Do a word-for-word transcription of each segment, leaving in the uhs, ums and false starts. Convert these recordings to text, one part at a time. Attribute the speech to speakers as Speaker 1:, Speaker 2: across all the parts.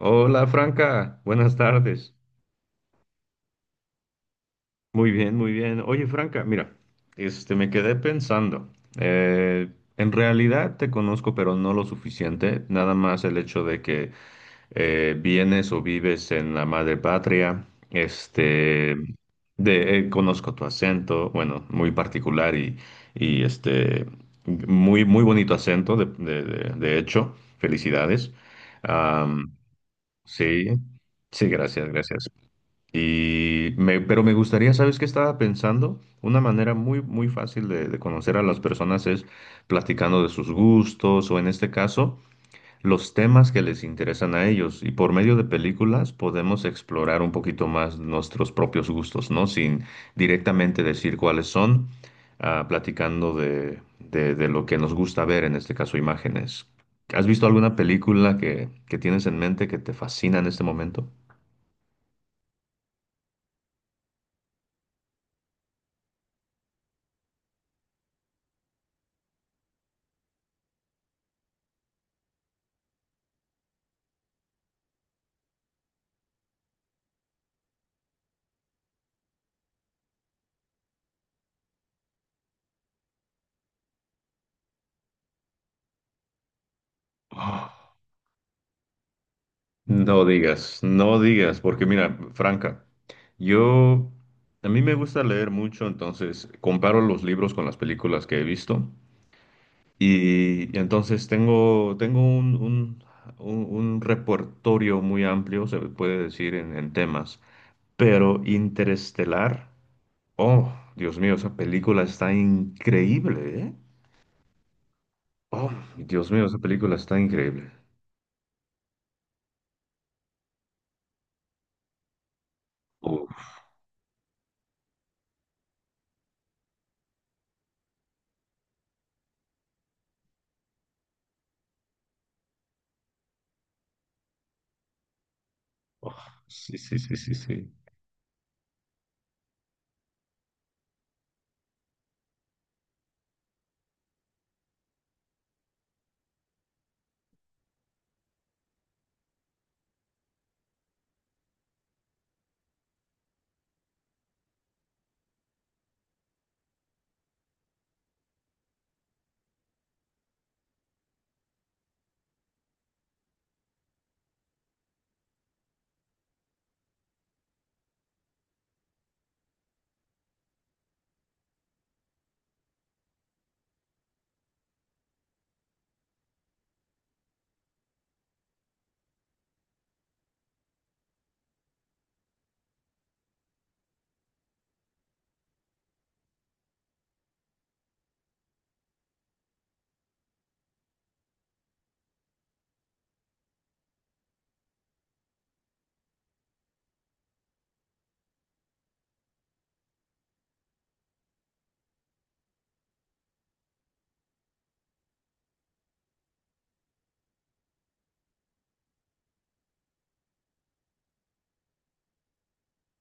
Speaker 1: Hola Franca, buenas tardes. Muy bien, muy bien. Oye Franca, mira, este me quedé pensando. eh, en realidad te conozco, pero no lo suficiente. Nada más el hecho de que eh, vienes o vives en la madre patria. Este, de, eh, conozco tu acento, bueno, muy particular y, y este, muy, muy bonito acento, de, de- de- de hecho. Felicidades. Am, sí, sí, gracias, gracias. Y me, pero me gustaría, ¿sabes qué estaba pensando? Una manera muy, muy fácil de, de conocer a las personas es platicando de sus gustos o, en este caso, los temas que les interesan a ellos. Y por medio de películas podemos explorar un poquito más nuestros propios gustos, ¿no? Sin directamente decir cuáles son, ah, platicando de, de, de lo que nos gusta ver, en este caso, imágenes. ¿Has visto alguna película que, que tienes en mente que te fascina en este momento? No digas, no digas, porque mira, Franca, yo, a mí me gusta leer mucho, entonces comparo los libros con las películas que he visto y, y entonces tengo, tengo un, un, un- un repertorio muy amplio, se puede decir, en, en temas, pero Interestelar, oh, Dios mío, esa película está increíble, ¿eh? Oh, Dios mío, esa película está increíble. Uf, oh, sí, sí, sí, sí, sí.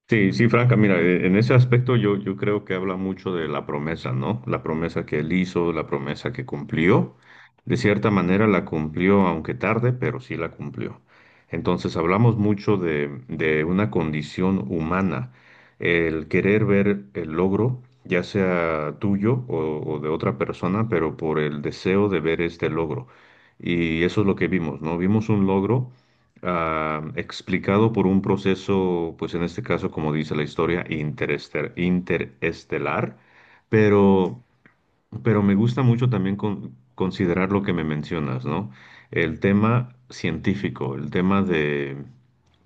Speaker 1: Sí, sí, Franca, mira, eh, en ese aspecto yo, yo creo que habla mucho de la promesa, ¿no? La promesa que él hizo, la promesa que cumplió. De cierta manera la cumplió, aunque tarde, pero sí la cumplió. Entonces hablamos mucho de, de una condición humana, el querer ver el logro, ya sea tuyo o, o de otra persona, pero por el deseo de ver este logro. Y eso es lo que vimos, ¿no? Vimos un logro ah, explicado por un proceso, pues en este caso, como dice la historia, interester- interestelar, pero, pero me gusta mucho también con- considerar lo que me mencionas, ¿no? El tema científico, el tema de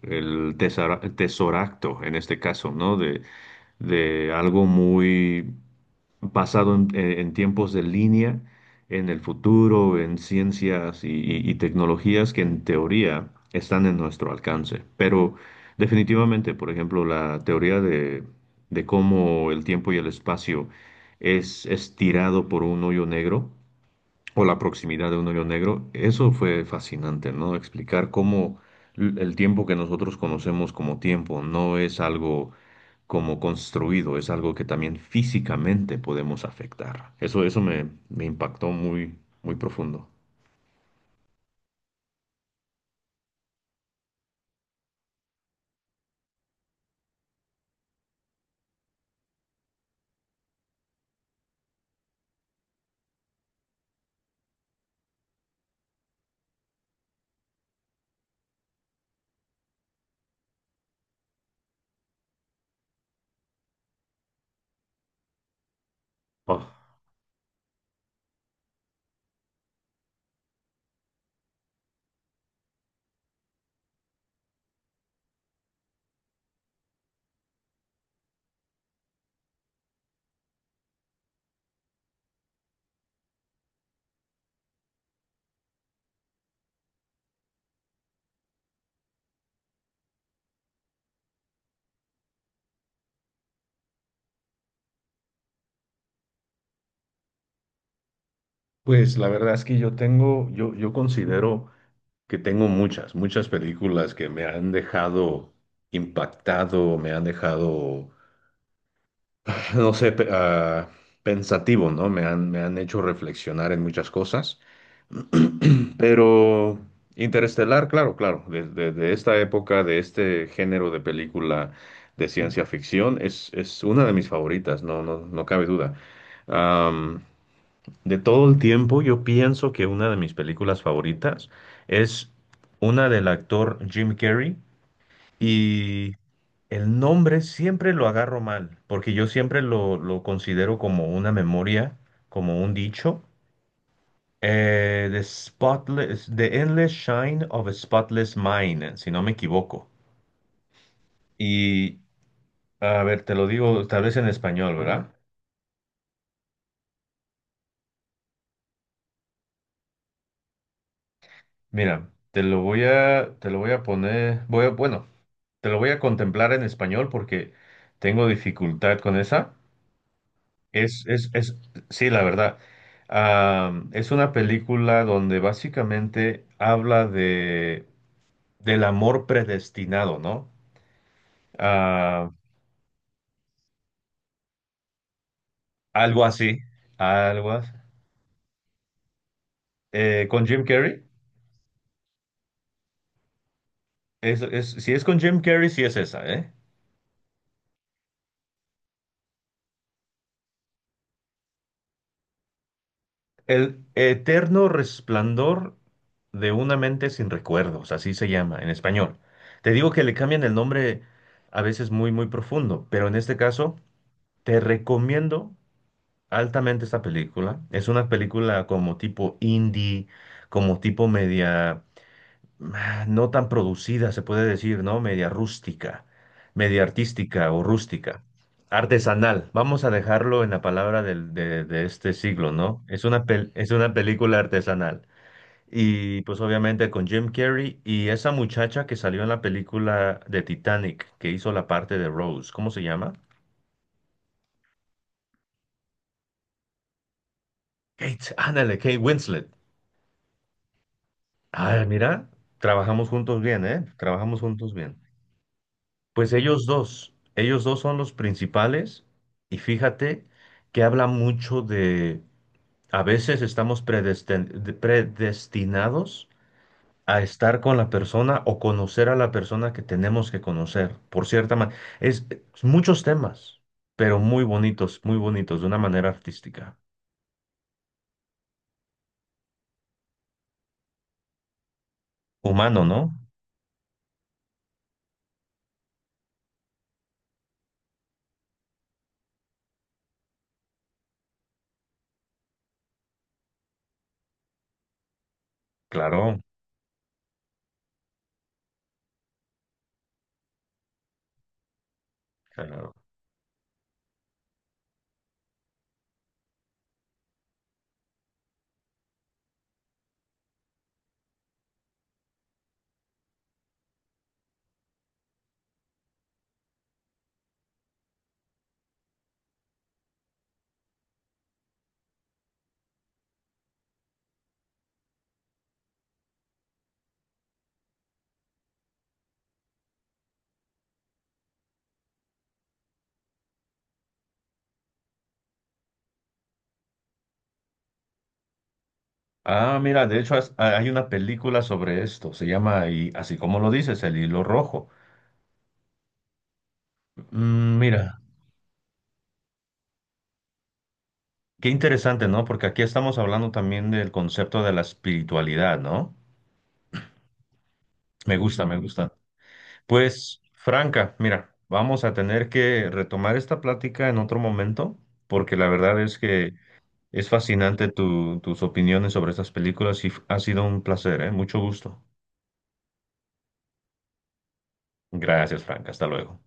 Speaker 1: el tesara- tesoracto, en este caso, ¿no? De, de algo muy basado en, eh, en tiempos de línea, en el futuro, en ciencias y, y- y tecnologías que en teoría están en nuestro alcance. Pero definitivamente, por ejemplo, la teoría de, de cómo el tiempo y el espacio es estirado por un hoyo negro, o la proximidad de un hoyo negro, eso fue fascinante, ¿no? Explicar cómo l- el tiempo que nosotros conocemos como tiempo no es algo como construido, es algo que también físicamente podemos afectar. Eso, eso me, me impactó muy, muy profundo. Oh, pues la verdad es que yo tengo, yo, yo considero que tengo muchas, muchas películas que me han dejado impactado, me han dejado no sé, pe- ah, pensativo, ¿no? Me han, me han hecho reflexionar en muchas cosas. Pero Interestelar, claro, claro, desde de esta época, de este género de película de ciencia ficción, es, es una de mis favoritas, no, no, no cabe duda. Am, de todo el tiempo, yo pienso que una de mis películas favoritas es una del actor Jim Carrey. Y el nombre siempre lo agarro mal, porque yo siempre lo, lo considero como una memoria, como un dicho. Eh, the spotless, the endless shine of a spotless mind, si no me equivoco. Y a ver, te lo digo tal vez en español, ¿verdad? Mira, te lo voy a, te lo voy a poner, voy a- bueno, te lo voy a contemplar en español porque tengo dificultad con esa. Es, es, es, sí, la verdad. Ah, es una película donde básicamente habla de, del amor predestinado, ¿no? Ah, algo así, algo así. Eh, ¿con Jim Carrey? Es, es- si es con Jim Carrey, sí es esa, ¿eh? El eterno resplandor de una mente sin recuerdos, así se llama en español. Te digo que le cambian el nombre a veces muy, muy profundo, pero en este caso te recomiendo altamente esta película. Es una película como tipo indie, como tipo media, ah, no tan producida, se puede decir, ¿no? Media rústica, media artística o rústica. Artesanal, vamos a dejarlo en la palabra del- de, de este siglo, ¿no? Es una, pel- es una película artesanal. Y pues obviamente con Jim Carrey y esa muchacha que salió en la película de Titanic, que hizo la parte de Rose, ¿cómo se llama? Kate, ándale, Kate Winslet. Ah, mira, trabajamos juntos bien, ¿eh? Trabajamos juntos bien. Pues ellos dos, ellos dos son los principales y fíjate que habla mucho de, a veces estamos predesten- de- predestinados a estar con la persona o conocer a la persona que tenemos que conocer, por cierta manera. Es, es muchos temas, pero muy bonitos, muy bonitos, de una manera artística. Humano, ¿no? Claro, claro. Ah, mira, de hecho has- hay una película sobre esto, se llama, y así como lo dices, El Hilo Rojo. Mm, mira, qué interesante, ¿no? Porque aquí estamos hablando también del concepto de la espiritualidad, ¿no? Me gusta, me gusta. Pues, Franca, mira, vamos a tener que retomar esta plática en otro momento, porque la verdad es que es fascinante tu- tus opiniones sobre estas películas y f- ha sido un placer, ¿eh? Mucho gusto. Gracias, Franca, hasta luego.